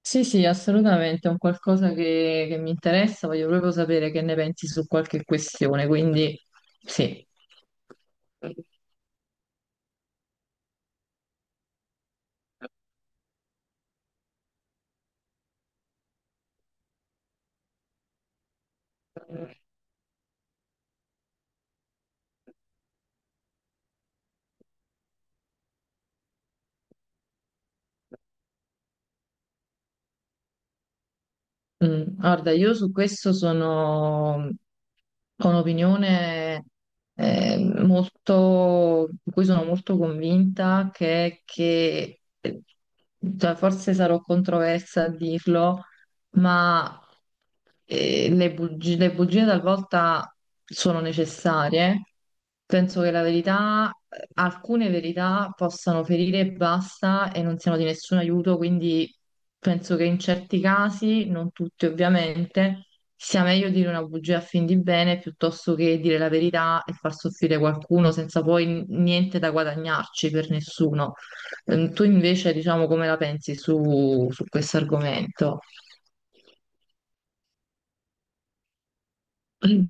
Sì, sì, assolutamente, è un qualcosa che mi interessa, voglio proprio sapere che ne pensi su qualche questione, quindi sì. Mm, guarda, io su questo sono ho un'opinione eh, di cui sono molto convinta, è che cioè, forse sarò controversa a dirlo, ma le bugie talvolta sono necessarie. Penso che alcune verità possano ferire e basta e non siano di nessun aiuto, quindi penso che in certi casi, non tutti ovviamente, sia meglio dire una bugia a fin di bene piuttosto che dire la verità e far soffrire qualcuno senza poi niente da guadagnarci per nessuno. Tu invece, diciamo, come la pensi su questo argomento? Sì,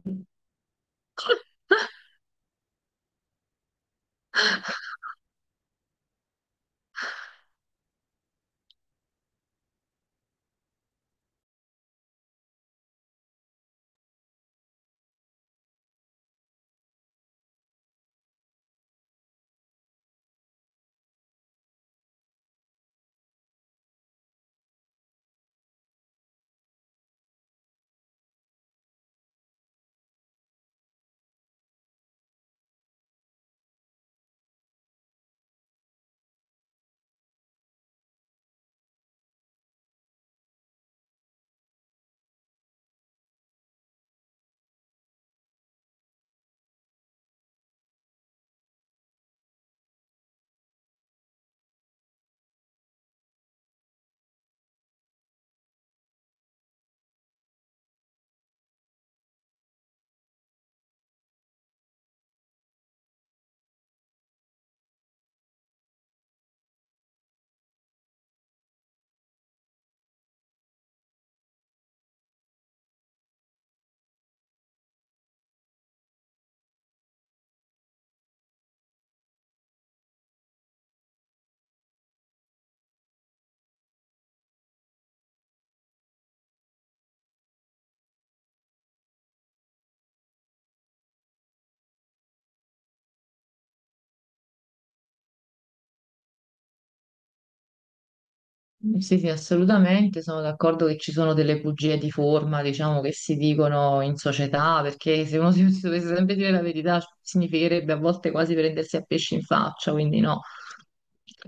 sì, sì, assolutamente, sono d'accordo che ci sono delle bugie di forma, diciamo, che si dicono in società, perché se uno si dovesse sempre dire la verità, significherebbe a volte quasi prendersi a pesci in faccia, quindi no.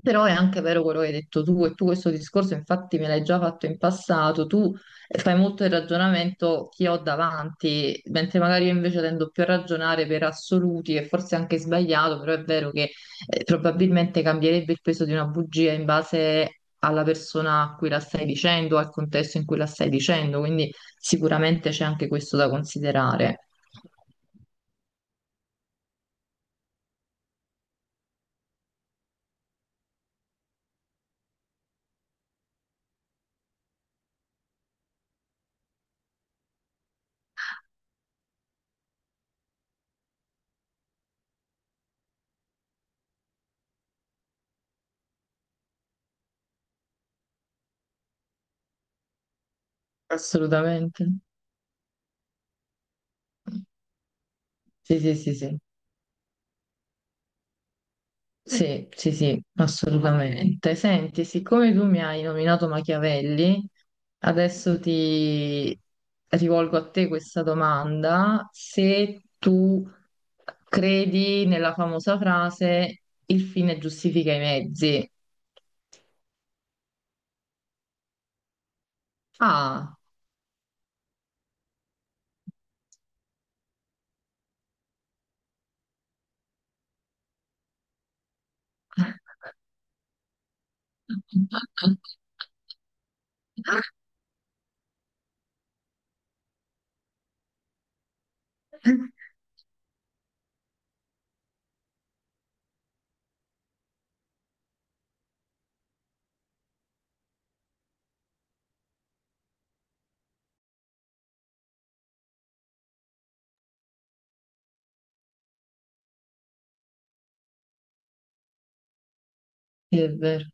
Però è anche vero quello che hai detto tu, e tu questo discorso infatti me l'hai già fatto in passato, tu fai molto il ragionamento che ho davanti, mentre magari io invece tendo più a ragionare per assoluti, e forse anche sbagliato, però è vero che probabilmente cambierebbe il peso di una bugia in base alla persona a cui la stai dicendo, al contesto in cui la stai dicendo, quindi sicuramente c'è anche questo da considerare. Assolutamente. Sì, sì, sì, sì. Sì, sì, sì, assolutamente. Senti, siccome tu mi hai nominato Machiavelli, adesso ti rivolgo a te questa domanda. Se tu credi nella famosa frase il fine giustifica i mezzi. Ah, sì, è vero.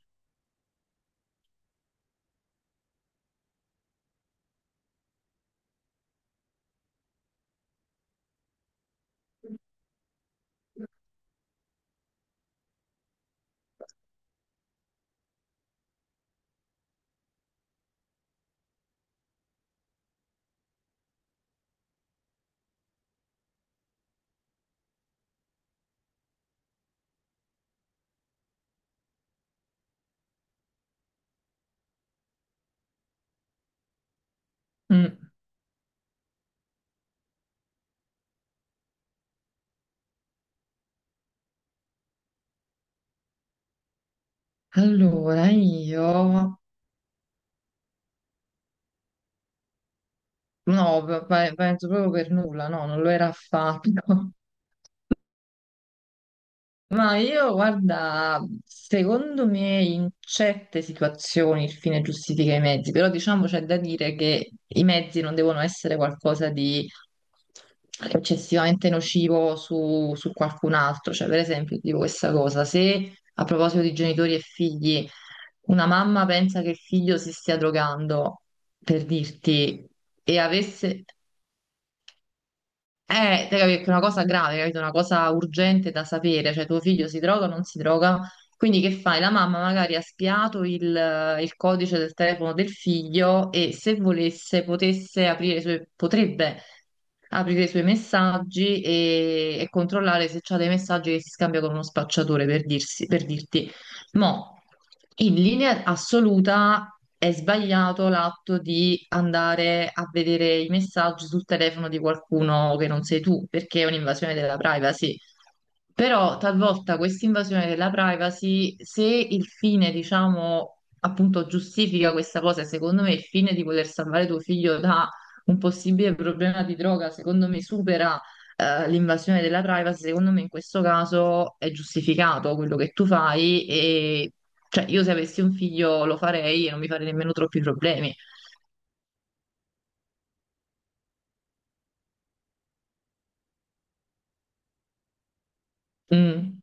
Mm. Allora, io no, penso proprio per nulla, no, non lo era affatto. Ma io, guarda, secondo me in certe situazioni il fine giustifica i mezzi, però diciamo c'è da dire che i mezzi non devono essere qualcosa di eccessivamente nocivo su qualcun altro. Cioè, per esempio, ti dico questa cosa, se a proposito di genitori e figli, una mamma pensa che il figlio si stia drogando, per dirti, e avesse... che è una cosa grave, capito? Una cosa urgente da sapere, cioè tuo figlio si droga o non si droga? Quindi che fai? La mamma magari ha spiato il codice del telefono del figlio e se volesse potesse aprire i suoi, potrebbe aprire i suoi messaggi e controllare se c'ha dei messaggi che si scambia con uno spacciatore per dirti. Mo, in linea assoluta è sbagliato l'atto di andare a vedere i messaggi sul telefono di qualcuno che non sei tu, perché è un'invasione della privacy. Però talvolta questa invasione della privacy, se il fine, diciamo, appunto giustifica questa cosa, e secondo me il fine di voler salvare tuo figlio da un possibile problema di droga, secondo me supera l'invasione della privacy, secondo me in questo caso è giustificato quello che tu fai e cioè io se avessi un figlio lo farei e non mi farei nemmeno troppi problemi. Mm.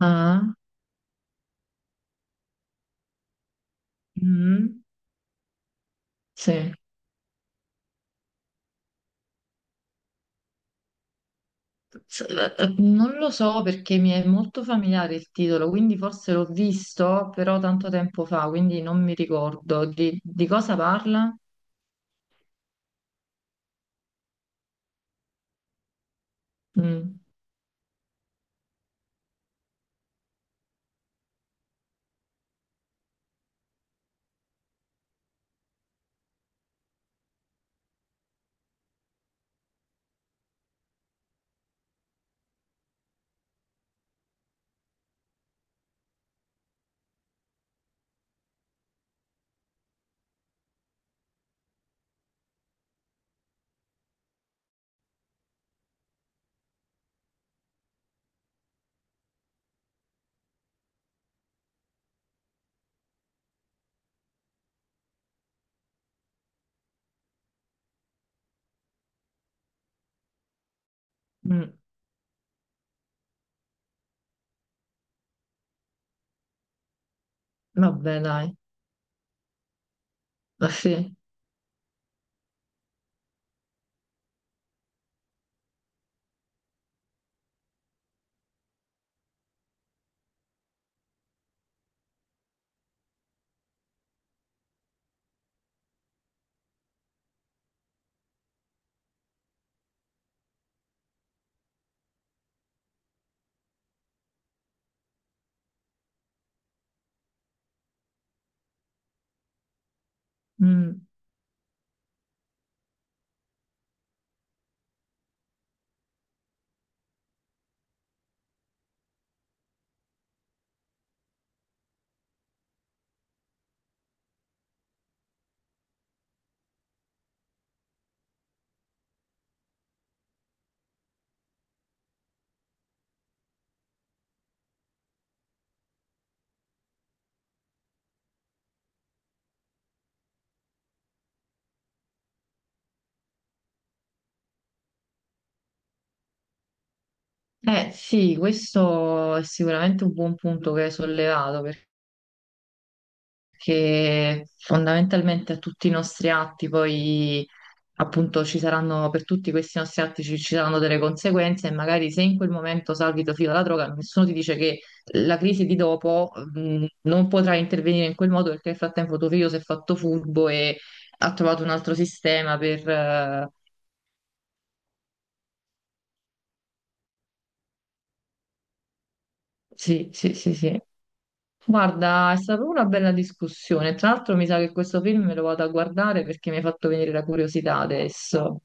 Ah. Mm. Sì. Non lo so perché mi è molto familiare il titolo, quindi forse l'ho visto, però tanto tempo fa, quindi non mi ricordo di cosa parla. Mm, mm, vabbè, dai, Ah, sì. Mm. Eh sì, questo è sicuramente un buon punto che hai sollevato perché fondamentalmente a tutti i nostri atti poi appunto ci saranno per tutti questi nostri atti ci saranno delle conseguenze e magari se in quel momento salvi tuo figlio dalla droga, nessuno ti dice che la crisi di dopo non potrà intervenire in quel modo perché nel frattempo tuo figlio si è fatto furbo e ha trovato un altro sistema per... Sì, sì, sì, sì. Guarda, è stata una bella discussione. Tra l'altro mi sa che questo film me lo vado a guardare perché mi ha fatto venire la curiosità adesso.